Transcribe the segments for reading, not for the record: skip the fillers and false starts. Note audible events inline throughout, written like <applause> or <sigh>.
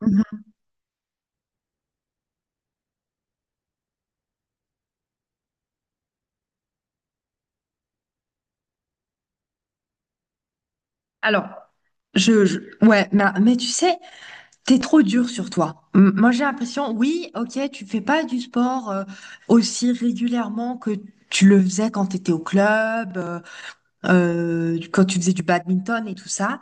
Mhm. Alors, je, je- ouais, mais tu sais, t'es trop dur sur toi. Moi, j'ai l'impression, oui, ok, tu fais pas du sport aussi régulièrement que tu le faisais quand t'étais au club, quand tu faisais du badminton et tout ça.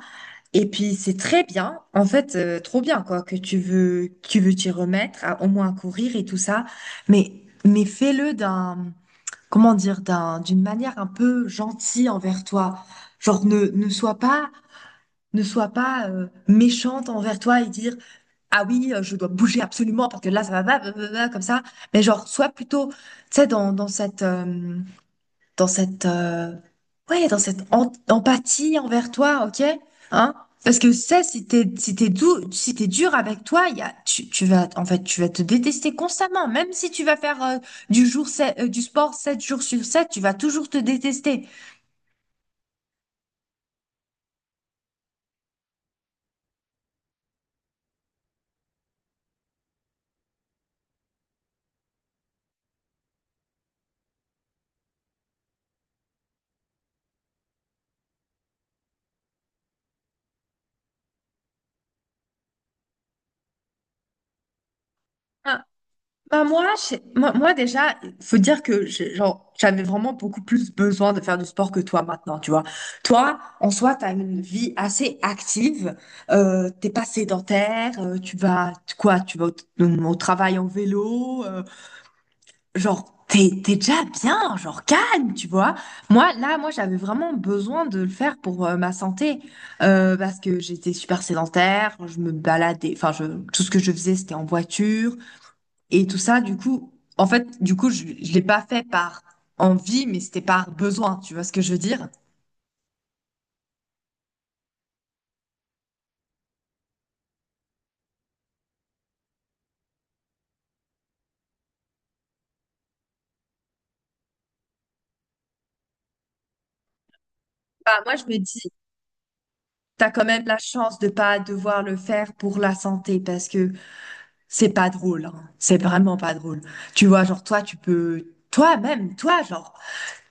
Et puis, c'est très bien, en fait, trop bien, quoi, que tu veux t'y remettre, au moins à courir et tout ça. Mais fais-le d'un, comment dire, d'une manière un peu gentille envers toi. Genre, ne sois pas ne soit pas méchante envers toi et dire ah oui je dois bouger absolument parce que là ça va va comme ça, mais genre sois plutôt tu sais dans cette dans cette ouais dans cette empathie envers toi, ok, hein, parce que ça si t'es si t'es doux si t'es dur avec toi il y a tu vas en fait tu vas te détester constamment, même si tu vas faire du sport 7 jours sur sept, tu vas toujours te détester. Hein. Bah moi déjà, il faut dire que genre, j'avais vraiment beaucoup plus besoin de faire du sport que toi maintenant, tu vois. Toi, en soi, tu as une vie assez active, t'es pas sédentaire, quoi, tu vas au, au travail en vélo, genre, t'es déjà bien, genre, calme, tu vois. Moi, j'avais vraiment besoin de le faire pour ma santé, parce que j'étais super sédentaire, je me baladais, enfin, je, tout ce que je faisais, c'était en voiture. Et tout ça, du coup, je l'ai pas fait par envie, mais c'était par besoin. Tu vois ce que je veux dire? Bah, moi, je me dis, t'as quand même la chance de pas devoir le faire pour la santé parce que c'est pas drôle, hein. C'est vraiment pas drôle. Tu vois, genre, toi-même, toi, genre,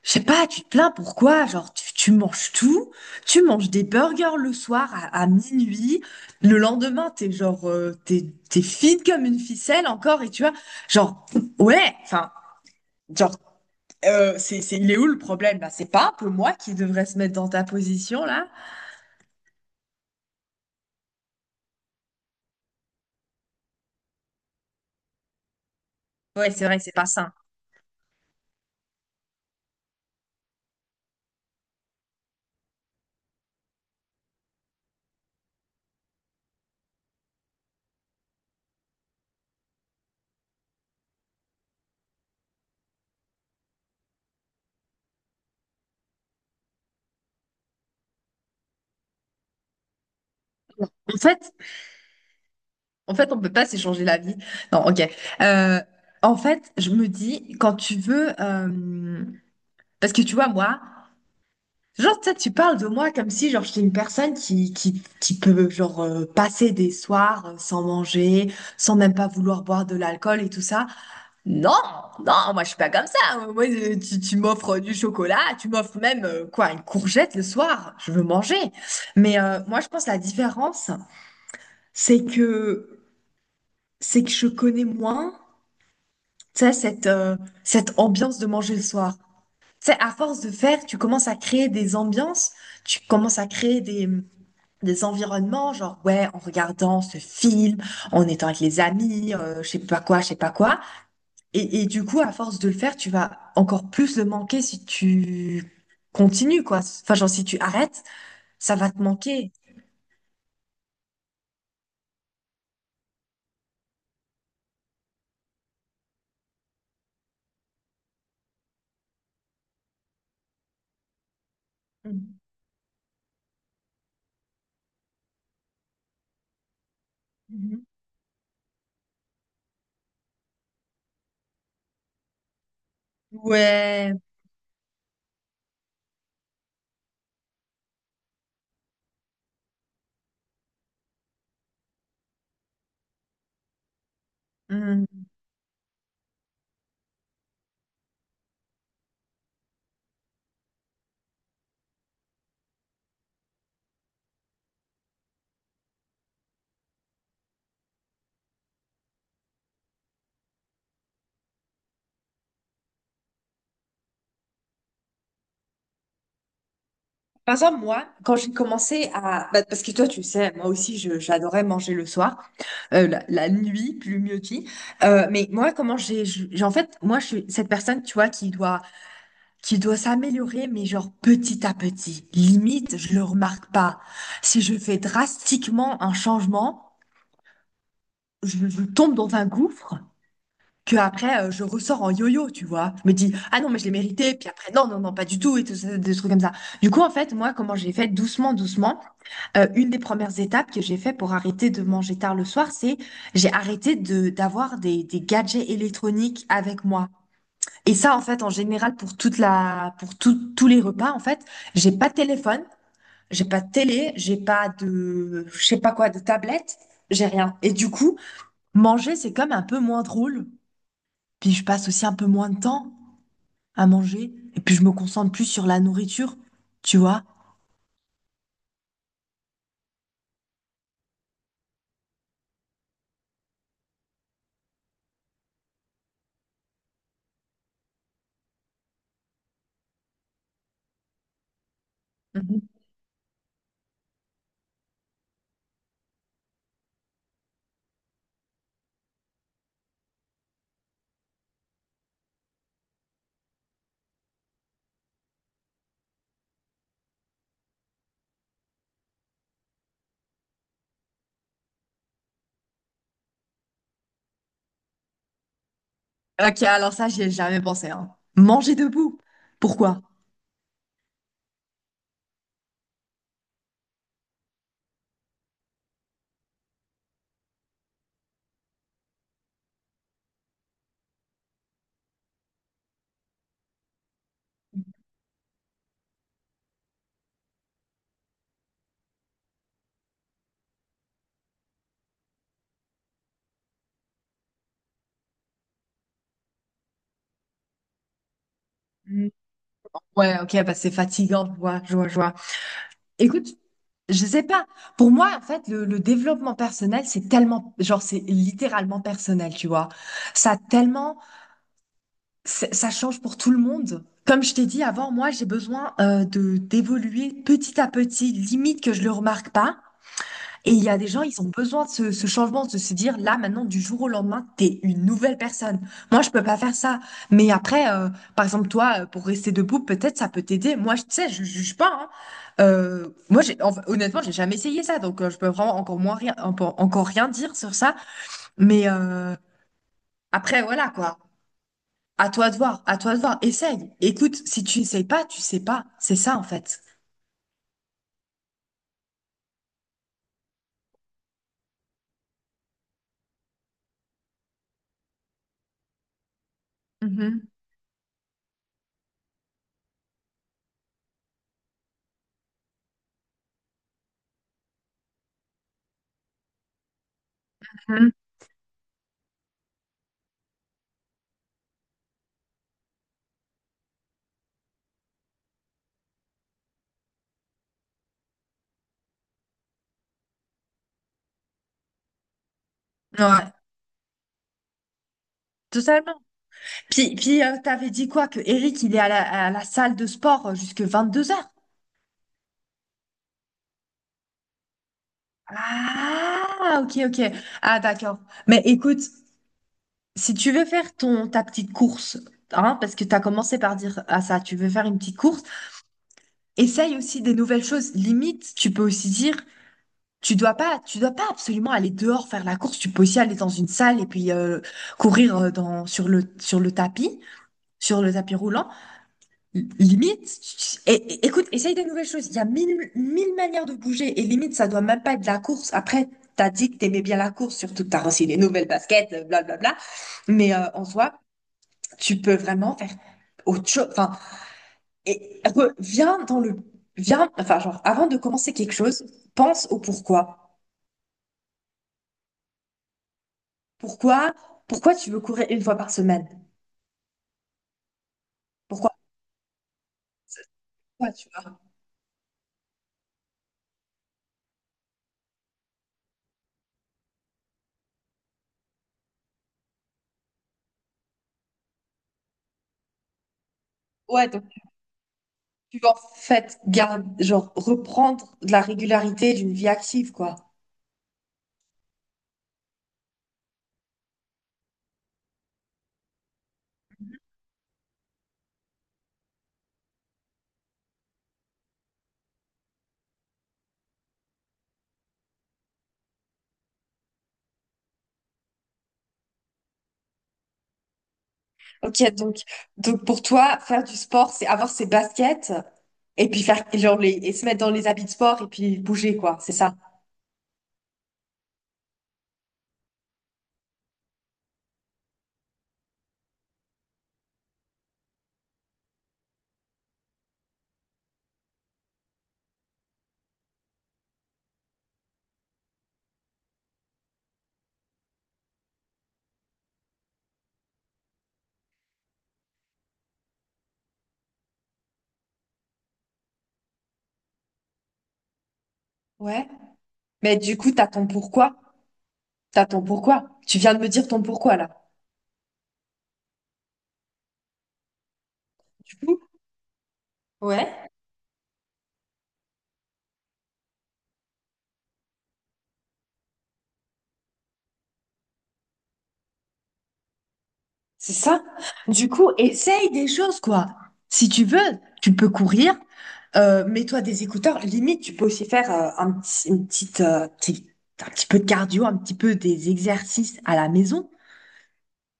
je sais pas, tu te plains pourquoi? Genre, tu manges tout, tu manges des burgers le soir à minuit, le lendemain, t'es genre, t'es fine comme une ficelle encore, et tu vois, genre, ouais, enfin. Genre, c'est, il est où le problème? Bah, c'est pas un peu moi qui devrais se mettre dans ta position là? Ouais, c'est vrai que c'est pas sain. En fait, en fait, on peut pas s'échanger la vie. Non, ok. Euh, en fait, je me dis, quand tu veux, parce que tu vois, moi, genre, tu sais, tu parles de moi comme si, genre, j'étais une personne qui peut, genre, passer des soirs sans manger, sans même pas vouloir boire de l'alcool et tout ça. Non, non, moi je suis pas comme ça. Moi, tu m'offres du chocolat, tu m'offres même quoi, une courgette le soir. Je veux manger. Mais moi, je pense que la différence, c'est que c'est que je connais moins, tu sais, cette cette ambiance de manger le soir. Tu sais, à force de faire, tu commences à créer des ambiances, tu commences à créer des environnements, genre ouais, en regardant ce film, en étant avec les amis, je sais pas quoi, je sais pas quoi. Et du coup, à force de le faire, tu vas encore plus le manquer si tu continues, quoi. Enfin, genre, si tu arrêtes, ça va te manquer. Mhm. Mhm. Ouais. Mhm. Par exemple, moi, quand j'ai commencé à... bah, parce que toi, tu sais, moi aussi, je, j'adorais manger le soir, la nuit, plus mieux dit. Mais moi, comment en fait, moi, je suis cette personne, tu vois, qui doit s'améliorer, mais genre petit à petit. Limite, je le remarque pas. Si je fais drastiquement un changement... je tombe dans un gouffre que après je ressors en yo-yo, tu vois. Je me dis ah non mais je l'ai mérité, puis après non pas du tout et tout ça, des trucs comme ça. Du coup en fait moi comment j'ai fait doucement doucement, une des premières étapes que j'ai fait pour arrêter de manger tard le soir, c'est j'ai arrêté de d'avoir des gadgets électroniques avec moi. Et ça en fait en général pour toute la pour tout- tous les repas en fait, j'ai pas de téléphone, j'ai pas de télé, j'ai pas de je sais pas quoi de tablette, j'ai rien. Et du coup manger, c'est comme un peu moins drôle. Puis je passe aussi un peu moins de temps à manger. Et puis je me concentre plus sur la nourriture, tu vois. Mhm. Ok, alors ça, j'y ai jamais pensé, hein. Manger debout. Pourquoi? Mm. Ouais, ok, bah c'est fatigant, je vois. Écoute, je sais pas. Pour moi, en fait, le développement personnel, c'est tellement, genre, c'est littéralement personnel, tu vois. Ça a tellement, ça change pour tout le monde. Comme je t'ai dit avant, moi, j'ai besoin de d'évoluer petit à petit, limite que je le remarque pas. Et il y a des gens, ils ont besoin de ce changement, de se dire là, maintenant, du jour au lendemain, t'es une nouvelle personne. Moi, je peux pas faire ça. Mais après, par exemple, toi, pour rester debout, peut-être ça peut t'aider. Moi, je tu sais, je juge pas, hein. Moi, enfin, honnêtement, j'ai jamais essayé ça, donc je peux vraiment encore rien dire sur ça. Mais après, voilà quoi. À toi de voir, à toi de voir. Essaye. Écoute, si tu essayes pas, tu sais pas. C'est ça en fait. Mhm. Mhm. Ouais, totalement. Puis t'avais dit quoi? Que Eric, il est à à la salle de sport jusqu'à deux heures. Ah, ok. Ah, d'accord. Mais écoute, si tu veux faire ta petite course, hein, parce que t'as commencé par dire à ça, tu veux faire une petite course, essaye aussi des nouvelles choses. Limite, tu peux aussi dire, tu dois pas absolument aller dehors faire la course. Tu peux aussi aller dans une salle et puis courir sur le tapis roulant. Limite, et, écoute, essaye de nouvelles choses. Il y a mille, mille manières de bouger et limite, ça doit même pas être la course. Après, t'as dit que t'aimais bien la course, surtout que t'as reçu des nouvelles baskets, blablabla. Mais en soi, tu peux vraiment faire autre chose. Enfin, et reviens viens, enfin, genre, avant de commencer quelque chose, pense au pourquoi. Pourquoi, pourquoi tu veux courir une fois par semaine? Pourquoi? Ouais, tu vois. Ouais, donc tu vas en fait garde, genre reprendre de la régularité d'une vie active, quoi. Ok, donc, donc pour toi, faire du sport, c'est avoir ses baskets et puis faire et se mettre dans les habits de sport et puis bouger, quoi, c'est ça. Ouais. Mais du coup, t'as ton pourquoi. T'as ton pourquoi. Tu viens de me dire ton pourquoi, là. Du coup, ouais, c'est ça. Du coup, essaye des choses, quoi. Si tu veux, tu peux courir. Mets-toi des écouteurs. Limite, tu peux aussi faire un petit peu de cardio, un petit peu des exercices à la maison.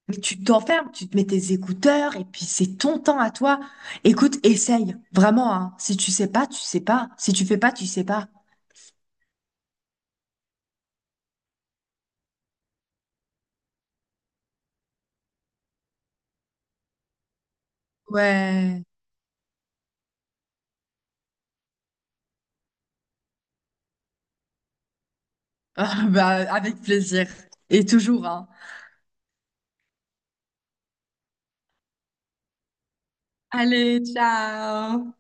Mais tu t'enfermes, tu te mets tes écouteurs et puis c'est ton temps à toi. Écoute, essaye. Vraiment, hein. Si tu sais pas, tu sais pas. Si tu fais pas, tu sais pas. Ouais. <laughs> Ah, bah, avec plaisir. Et toujours, hein. Allez, ciao!